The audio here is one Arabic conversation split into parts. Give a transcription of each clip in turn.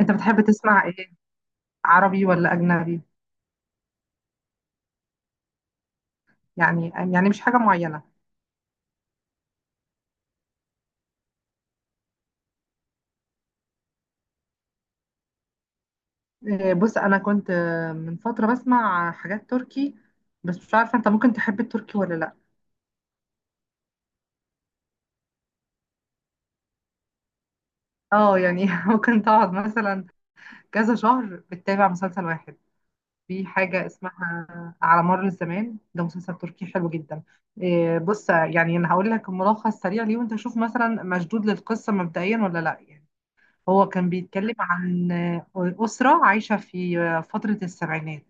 انت بتحب تسمع ايه؟ عربي ولا اجنبي؟ يعني مش حاجه معينه. إيه، بص انا كنت من فتره بسمع حاجات تركي، بس مش عارفه انت ممكن تحب التركي ولا لا. اه يعني ممكن تقعد مثلا كذا شهر بتتابع مسلسل واحد. في حاجه اسمها على مر الزمان، ده مسلسل تركي حلو جدا. إيه، بص يعني انا هقول لك الملخص سريع ليه، وانت شوف مثلا مشدود للقصه مبدئيا ولا لا يعني. هو كان بيتكلم عن اسره عايشه في فتره السبعينات.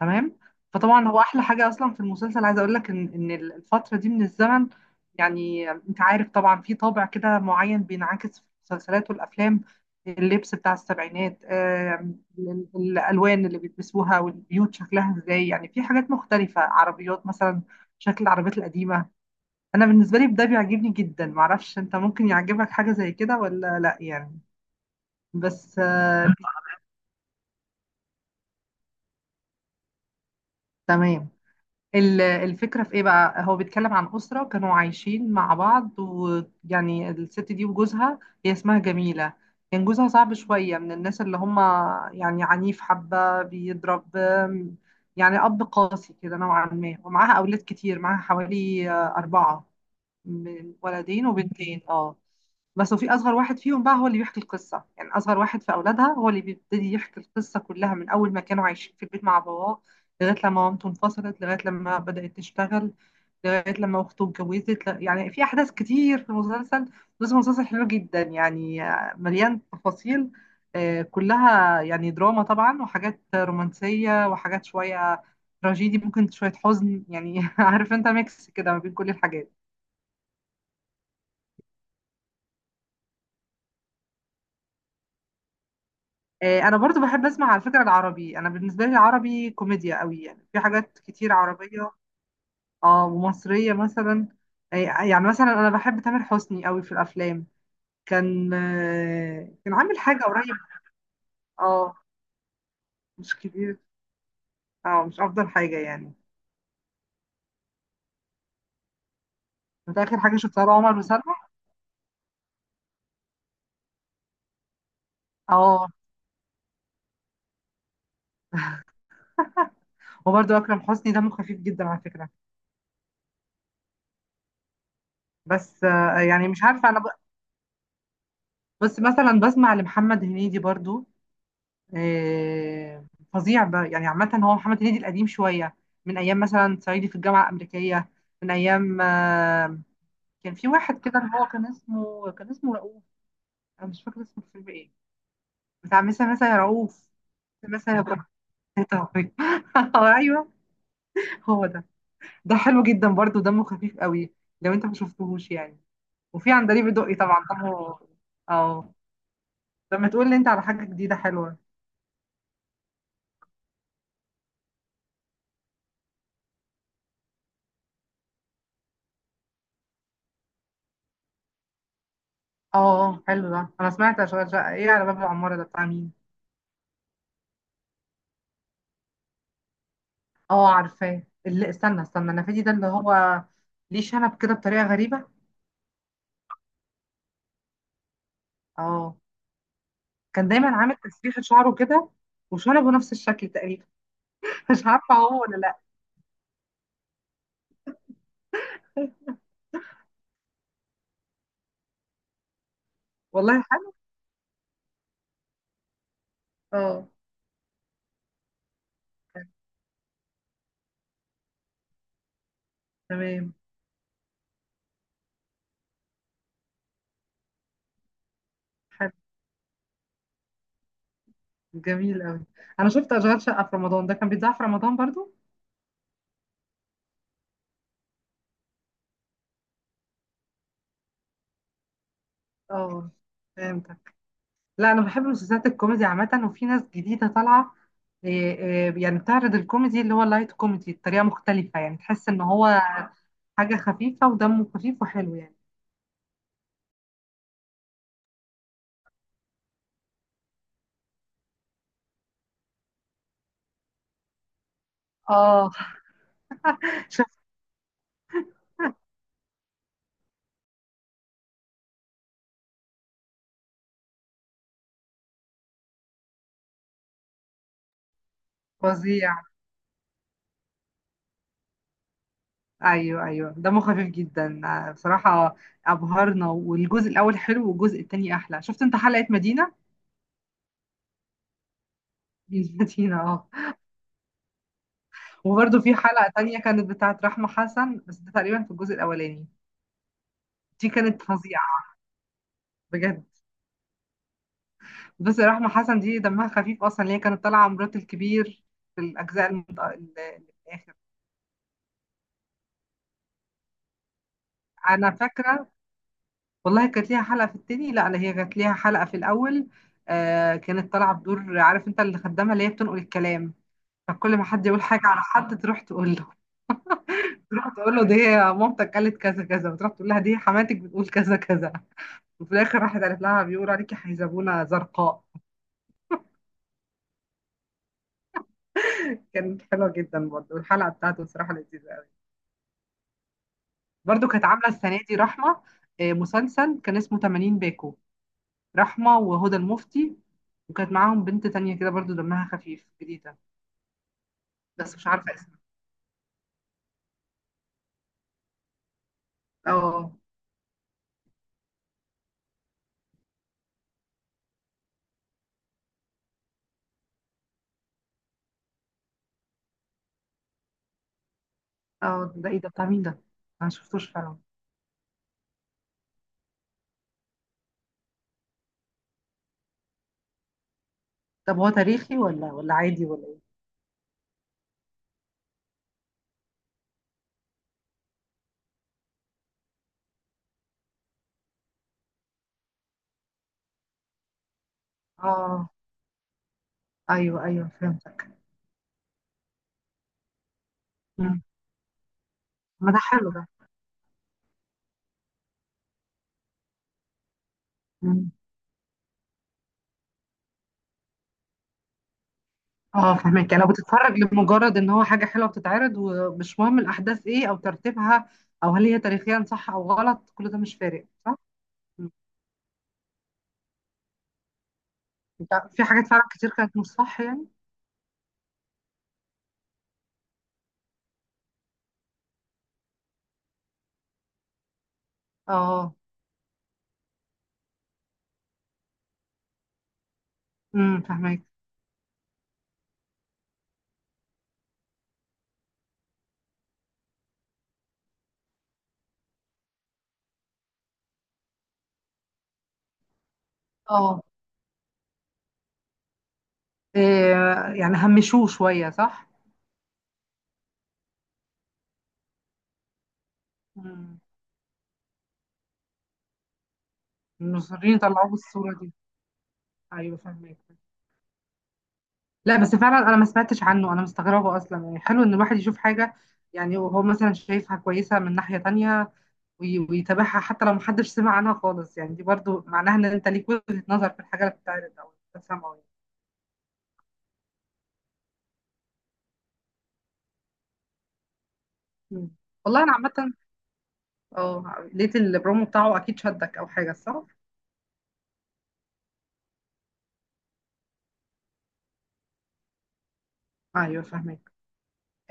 تمام. فطبعا هو احلى حاجه اصلا في المسلسل، عايزه اقول لك ان الفتره دي من الزمن، يعني انت عارف طبعا في طابع كده معين بينعكس في المسلسلات والافلام. اللبس بتاع السبعينات، الالوان اللي بيلبسوها، والبيوت شكلها ازاي، يعني في حاجات مختلفه، عربيات مثلا، شكل العربيات القديمه. انا بالنسبه لي ده بيعجبني جدا، معرفش انت ممكن يعجبك حاجه زي كده ولا لا يعني. بس آه، تمام. الفكرة في ايه بقى؟ هو بيتكلم عن أسرة كانوا عايشين مع بعض، ويعني الست دي وجوزها، هي اسمها جميلة، كان جوزها صعب شوية، من الناس اللي هم يعني عنيف، حبة بيضرب، يعني أب قاسي كده نوعا ما، ومعاها أولاد كتير، معاها حوالي أربعة، من ولدين وبنتين اه. بس وفي اصغر واحد فيهم بقى هو اللي بيحكي القصه، يعني اصغر واحد في اولادها هو اللي بيبتدي يحكي القصه كلها، من اول ما كانوا عايشين في البيت مع باباه، لغايه لما مامته انفصلت، لغايه لما بدات تشتغل، لغايه لما اخته اتجوزت، يعني في احداث كتير في المسلسل. بس مسلسل حلو جدا يعني، مليان تفاصيل، كلها يعني دراما طبعا، وحاجات رومانسيه، وحاجات شويه تراجيدي، ممكن شويه حزن يعني، عارف انت ميكس كده ما بين كل الحاجات. انا برضو بحب اسمع على فكرة العربي، انا بالنسبة لي العربي كوميديا قوي، يعني في حاجات كتير عربية، اه ومصرية مثلا. يعني مثلا انا بحب تامر حسني قوي في الافلام، كان كان عامل حاجة قريب. اه، مش كتير، اه مش افضل حاجة يعني. كانت اخر حاجة شفتها له عمر وسلمى. اه. وبرضو اكرم حسني دمه خفيف جدا على فكرة. بس آه، يعني مش عارفة بس مثلا بسمع لمحمد هنيدي برضو، آه، فظيع بقى يعني، عامة هو محمد هنيدي القديم شوية، من أيام مثلا صعيدي في الجامعة الأمريكية، من أيام آه، كان في واحد كده اللي هو كان اسمه رؤوف، أنا مش فاكرة اسمه الفيلم إيه، بتاع مثلا يا رؤوف، مثلا يا رؤوف. أيوه، هو ده. ده حلو جدا برضو، دمه خفيف قوي، لو أنت ما شفتهوش يعني. وفي عندليب الدقي طبعا دمه، اه. طب ما تقول لي أنت على حاجة جديدة حلوة. اه حلو ده، أنا سمعت أشغال شقة. إيه على باب العمارة ده بتاع مين؟ اه عارفاه، اللي استنى النفادي ده، اللي هو ليه شنب كده بطريقة غريبة. اه، كان دايما عامل تسريحة شعره كده، وشنبه نفس الشكل تقريبا. مش عارفة هو ولا لا. والله حلو، اه، تمام، حلو، جميل قوي. انا شفت اشغال شقة في رمضان ده، كان بيتذاع في رمضان برضو. اه فهمتك. لا، انا بحب مسلسلات الكوميدي عامة، وفي ناس جديدة طالعة، إيه يعني بتعرض الكوميدي اللي هو اللايت كوميدي بطريقة مختلفة، يعني تحس ان هو حاجة خفيفة ودمه خفيف وحلو يعني. اه شفت. فظيع. ايوه دمه خفيف جدا، بصراحه ابهرنا. والجزء الاول حلو، والجزء التاني احلى. شفت انت حلقه مدينه؟ مدينه اه. وبرده في حلقه تانية كانت بتاعه رحمه حسن، بس ده تقريبا في الجزء الاولاني، دي كانت فظيعه بجد. بس رحمه حسن دي دمها خفيف اصلا، اللي هي كانت طالعه مرات الكبير في الاجزاء الاخر. انا فاكره، والله كانت ليها حلقة في التاني، لا لا هي كانت ليها حلقة في الأول. آه كانت طالعة بدور، عارف انت، اللي خدامها، اللي هي بتنقل الكلام، فكل ما حد يقول حاجة على حد تروح تقول له، دي مامتك قالت كذا كذا، وتروح تقول لها دي حماتك بتقول كذا كذا، وفي الآخر راحت قالت لها بيقولوا عليكي حيزبونة زرقاء. كانت حلوة جدا برضه الحلقة بتاعته، بصراحة لذيذة قوي. برضه كانت عاملة السنة دي رحمة آه مسلسل كان اسمه 80 باكو، رحمة وهدى المفتي، وكانت معاهم بنت تانية كده برضه دمها خفيف جديدة، بس مش عارفة اسمه. اه. اه ده ايه ده، بتاع مين ده؟ انا مشفتوش فعلا. طب هو تاريخي ولا عادي ولا ايه؟ اه ايوه فهمتك. مم. ما ده حلو ده. مم. اه فهمك، يعني لو بتتفرج لمجرد ان هو حاجة حلوة بتتعرض، ومش مهم الاحداث ايه او ترتيبها، او هل هي تاريخيا صح او غلط، كل ده مش فارق صح. مم. لا، في حاجات فعلا كتير كانت مش صح يعني. اه. فهمك. اه. إيه يعني همشوه شوية صح. مم. المصريين طلعوه بالصورة دي. ايوه فاهمك. لا بس فعلا انا ما سمعتش عنه، انا مستغربه اصلا يعني، حلو ان الواحد يشوف حاجه، يعني وهو مثلا شايفها كويسه من ناحيه تانية، ويتابعها حتى لو محدش سمع عنها خالص، يعني دي برضو معناها ان انت ليك وجهه نظر في الحاجه اللي بتتعرض او بتسمعها يعني. مم. والله انا عامه، اه لقيت البرومو بتاعه اكيد شدك او حاجه صح. ايوه فاهمك.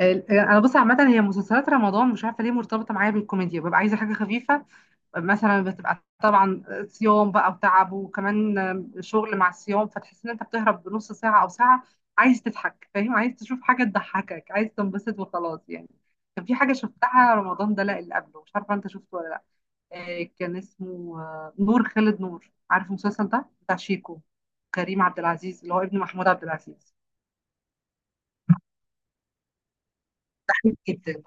انا بص عامه هي مسلسلات رمضان مش عارفه ليه مرتبطه معايا بالكوميديا، ببقى عايزه حاجه خفيفه، مثلا بتبقى طبعا صيام بقى وتعب، وكمان شغل مع الصيام، فتحس ان انت بتهرب بنص ساعة او ساعة، عايز تضحك فاهم، عايز تشوف حاجة تضحكك، عايز تنبسط وخلاص يعني. كان في حاجة شفتها رمضان ده، لا اللي قبله، مش عارفة انت شفته ولا لا، كان اسمه نور خالد نور، عارف المسلسل ده بتاع شيكو كريم عبد العزيز اللي هو ابن محمود عبد العزيز. تحميد جدا.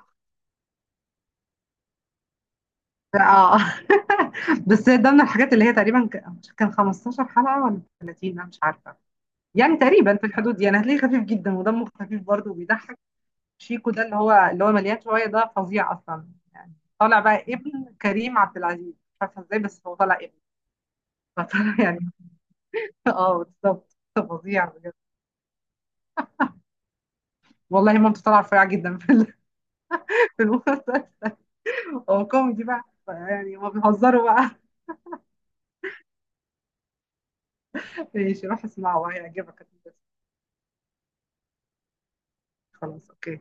اه. بس ده من الحاجات اللي هي تقريبا كان 15 حلقة ولا 30، انا مش عارفة، يعني تقريبا في الحدود دي، انا هتلاقيه خفيف جدا ودمه خفيف برضه وبيضحك. شيكو ده اللي هو مليان شويه ده، فظيع اصلا يعني، طالع بقى ابن كريم عبد العزيز مش عارفه ازاي، بس هو طالع ابن، فطالع يعني. اه بالظبط فظيع بجد. والله مامته طالعه رفيعه جدا في في المسلسل، هو كوميدي بقى يعني، هما بيهزروا بقى. ماشي روح اسمعه هيعجبك. خلاص اوكي.